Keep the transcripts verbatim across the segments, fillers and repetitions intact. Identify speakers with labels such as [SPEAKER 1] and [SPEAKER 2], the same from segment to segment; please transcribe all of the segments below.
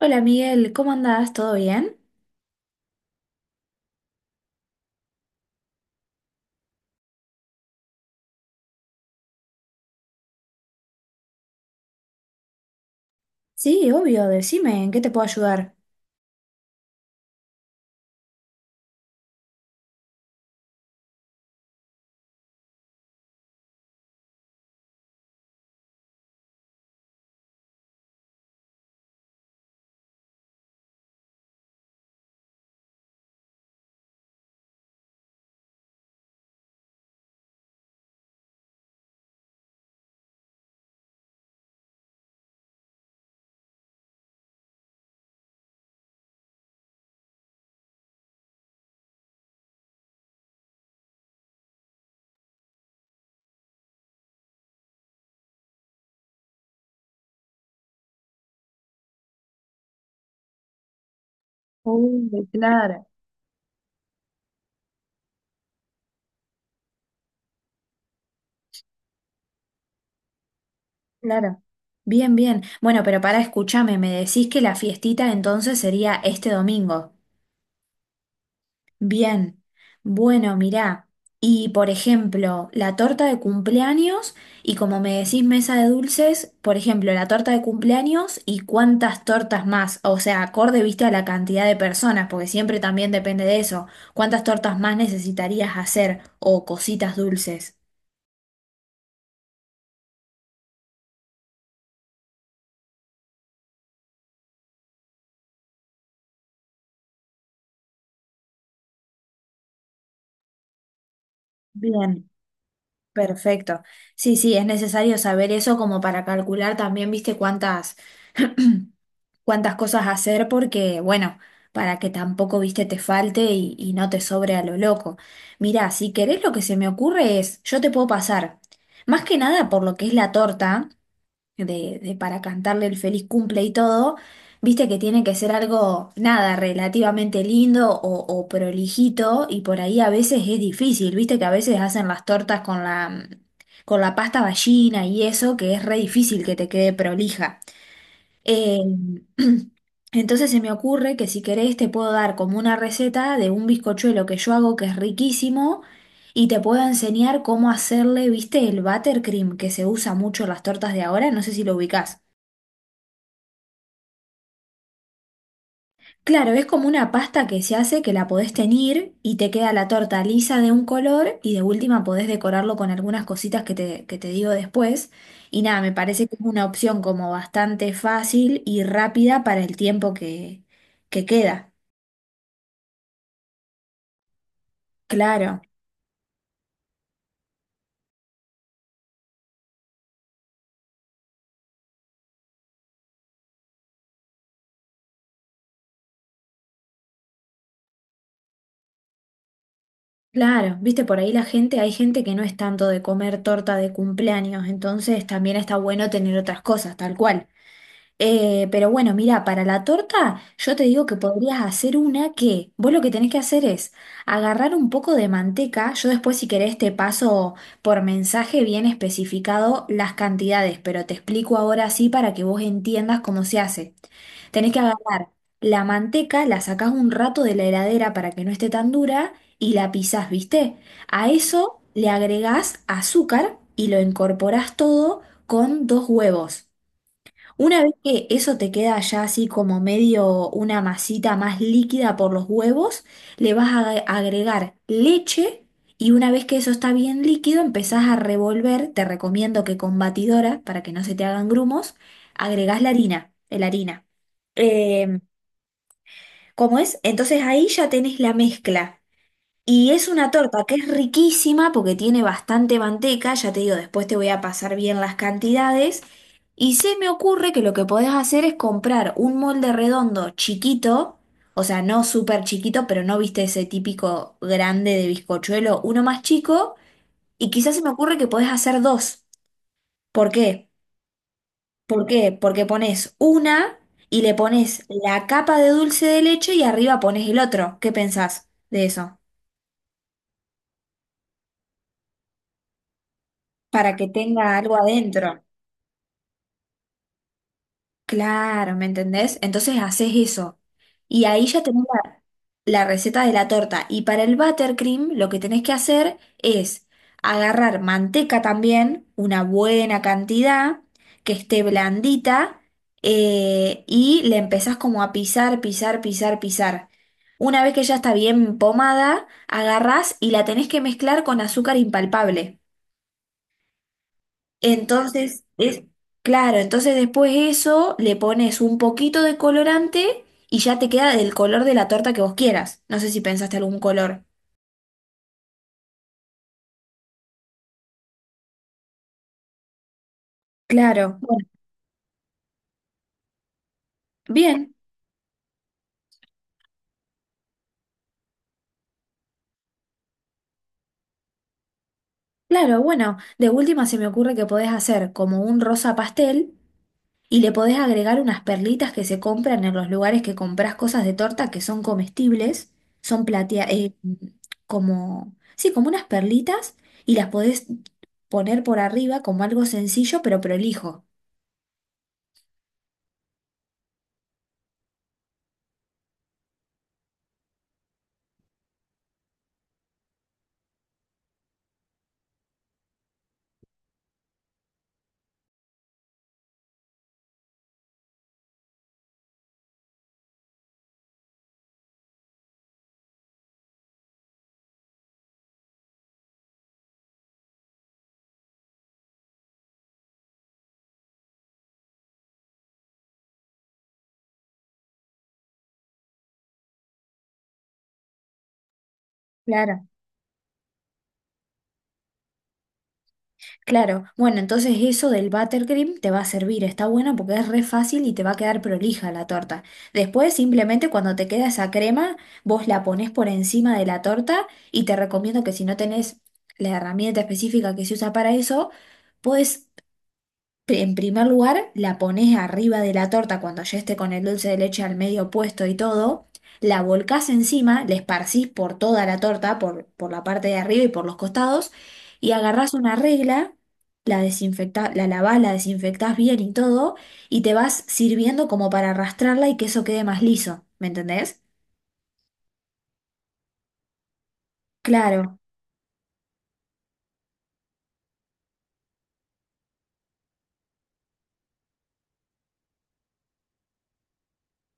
[SPEAKER 1] Hola Miguel, ¿cómo andás? ¿Todo bien? Sí, obvio, decime, ¿en qué te puedo ayudar? Uy, claro. Claro. Bien, bien. Bueno, pero para escúchame, me decís que la fiestita entonces sería este domingo. Bien, bueno, mirá, y por ejemplo, la torta de cumpleaños, y como me decís mesa de dulces, por ejemplo, la torta de cumpleaños y cuántas tortas más, o sea, acorde, viste, a la cantidad de personas, porque siempre también depende de eso, cuántas tortas más necesitarías hacer o cositas dulces. Bien, perfecto. Sí, sí, es necesario saber eso como para calcular también, viste, cuántas cuántas cosas hacer porque, bueno, para que tampoco, viste, te falte y, y no te sobre a lo loco. Mirá, si querés lo que se me ocurre es, yo te puedo pasar, más que nada por lo que es la torta, de, de para cantarle el feliz cumple y todo, viste que tiene que ser algo, nada, relativamente lindo o, o prolijito y por ahí a veces es difícil, viste que a veces hacen las tortas con la con la pasta ballina y eso, que es re difícil que te quede prolija. Eh, entonces se me ocurre que si querés te puedo dar como una receta de un bizcochuelo que yo hago que es riquísimo y te puedo enseñar cómo hacerle, viste, el buttercream que se usa mucho en las tortas de ahora, no sé si lo ubicás. Claro, es como una pasta que se hace que la podés teñir y te queda la torta lisa de un color y de última podés decorarlo con algunas cositas que te, que te digo después. Y nada, me parece que es una opción como bastante fácil y rápida para el tiempo que, que queda. Claro, claro. Viste, por ahí la gente, hay gente que no es tanto de comer torta de cumpleaños, entonces también está bueno tener otras cosas, tal cual. Eh, pero bueno, mira, para la torta yo te digo que podrías hacer una que vos lo que tenés que hacer es agarrar un poco de manteca, yo después si querés te paso por mensaje bien especificado las cantidades, pero te explico ahora sí para que vos entiendas cómo se hace. Tenés que agarrar la manteca, la sacás un rato de la heladera para que no esté tan dura y la pisás, ¿viste? A eso le agregás azúcar y lo incorporás todo con dos huevos. Una vez que eso te queda ya así como medio una masita más líquida por los huevos, le vas a ag- agregar leche y una vez que eso está bien líquido empezás a revolver, te recomiendo que con batidora para que no se te hagan grumos, agregás la harina, la harina. Eh, ¿cómo es? Entonces ahí ya tenés la mezcla. Y es una torta que es riquísima porque tiene bastante manteca, ya te digo, después te voy a pasar bien las cantidades. Y se me ocurre que lo que podés hacer es comprar un molde redondo chiquito, o sea, no súper chiquito, pero no viste ese típico grande de bizcochuelo, uno más chico. Y quizás se me ocurre que podés hacer dos. ¿Por qué? ¿Por qué? Porque pones una y le pones la capa de dulce de leche y arriba pones el otro. ¿Qué pensás de eso? Para que tenga algo adentro. Claro, ¿me entendés? Entonces haces eso. Y ahí ya tenés la, la receta de la torta. Y para el buttercream lo que tenés que hacer es agarrar manteca también, una buena cantidad, que esté blandita, eh, y le empezás como a pisar, pisar, pisar, pisar. Una vez que ya está bien pomada, agarrás y la tenés que mezclar con azúcar impalpable. Entonces, es claro, entonces después eso le pones un poquito de colorante y ya te queda del color de la torta que vos quieras. No sé si pensaste algún color. Claro, bueno, bien, claro, bueno, de última se me ocurre que podés hacer como un rosa pastel y le podés agregar unas perlitas que se compran en los lugares que compras cosas de torta que son comestibles, son platea, eh, como, sí, como unas perlitas y las podés poner por arriba como algo sencillo pero prolijo. Claro, claro. Bueno, entonces eso del buttercream te va a servir, está bueno porque es re fácil y te va a quedar prolija la torta. Después simplemente cuando te queda esa crema, vos la ponés por encima de la torta y te recomiendo que si no tenés la herramienta específica que se usa para eso, podés. En primer lugar, la pones arriba de la torta cuando ya esté con el dulce de leche al medio puesto y todo. La volcás encima, la esparcís por toda la torta, por, por la parte de arriba y por los costados. Y agarrás una regla, la desinfectás, la lavás, la desinfectás bien y todo. Y te vas sirviendo como para arrastrarla y que eso quede más liso. ¿Me entendés? Claro.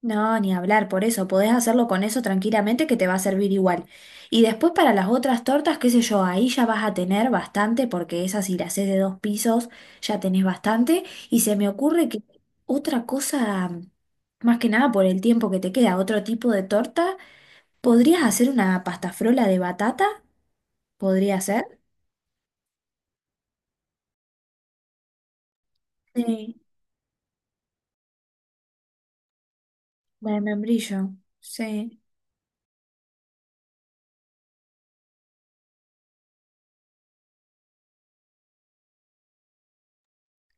[SPEAKER 1] No, ni hablar, por eso podés hacerlo con eso tranquilamente que te va a servir igual. Y después para las otras tortas, qué sé yo, ahí ya vas a tener bastante, porque esas si las haces de dos pisos ya tenés bastante. Y se me ocurre que otra cosa, más que nada por el tiempo que te queda, otro tipo de torta, ¿podrías hacer una pastafrola de batata? ¿Podría ser? Sí, la de membrillo, sí.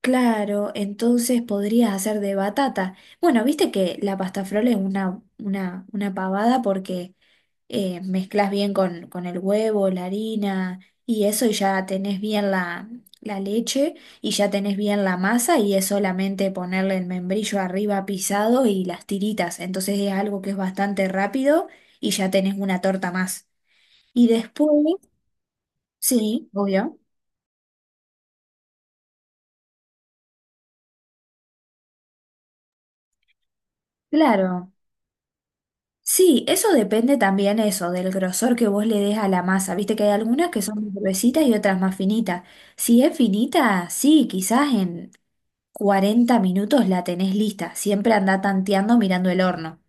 [SPEAKER 1] Claro, entonces podrías hacer de batata. Bueno, viste que la pasta frola es una, una, una pavada porque eh, mezclas bien con, con el huevo, la harina y eso, y ya tenés bien la, la leche y ya tenés bien la masa, y es solamente ponerle el membrillo arriba pisado y las tiritas. Entonces es algo que es bastante rápido y ya tenés una torta más. Y después, sí, obvio, claro. Sí, eso depende también eso, del grosor que vos le des a la masa. Viste que hay algunas que son más gruesitas y otras más finitas. Si es finita, sí, quizás en cuarenta minutos la tenés lista. Siempre anda tanteando mirando el horno.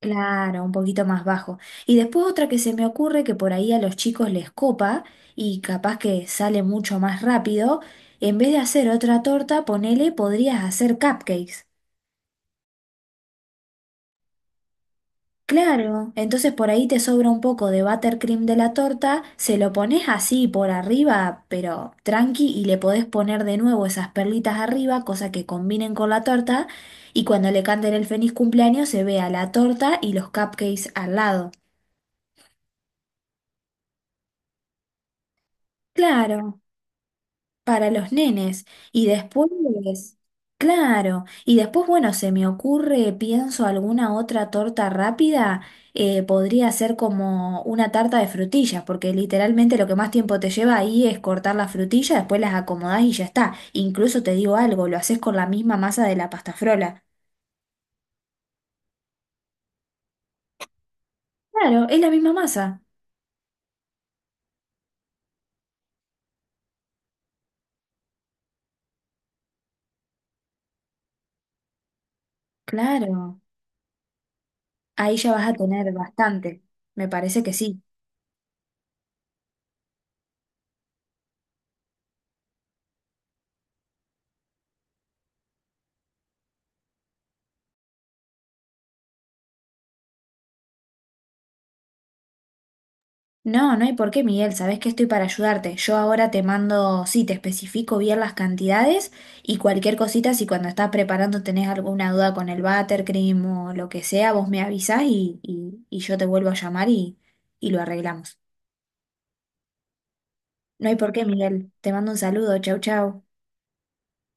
[SPEAKER 1] Claro, un poquito más bajo. Y después otra que se me ocurre que por ahí a los chicos les copa y capaz que sale mucho más rápido. En vez de hacer otra torta, ponele, podrías hacer cupcakes. Claro, entonces por ahí te sobra un poco de buttercream de la torta, se lo pones así por arriba, pero tranqui, y le podés poner de nuevo esas perlitas arriba, cosa que combinen con la torta, y cuando le canten el feliz cumpleaños se vea la torta y los cupcakes al lado. Claro, para los nenes. Y después, claro, y después, bueno, se me ocurre, pienso alguna otra torta rápida, eh, podría ser como una tarta de frutillas, porque literalmente lo que más tiempo te lleva ahí es cortar las frutillas, después las acomodás y ya está. Incluso te digo algo, lo haces con la misma masa de la pasta frola. Claro, es la misma masa. Claro, ahí ya vas a tener bastante. Me parece que sí. No, no hay por qué, Miguel. Sabés que estoy para ayudarte. Yo ahora te mando, sí, te especifico bien las cantidades y cualquier cosita, si cuando estás preparando tenés alguna duda con el buttercream o lo que sea, vos me avisás y, y, y yo te vuelvo a llamar y, y lo arreglamos. No hay por qué, Miguel. Te mando un saludo. Chau, chau.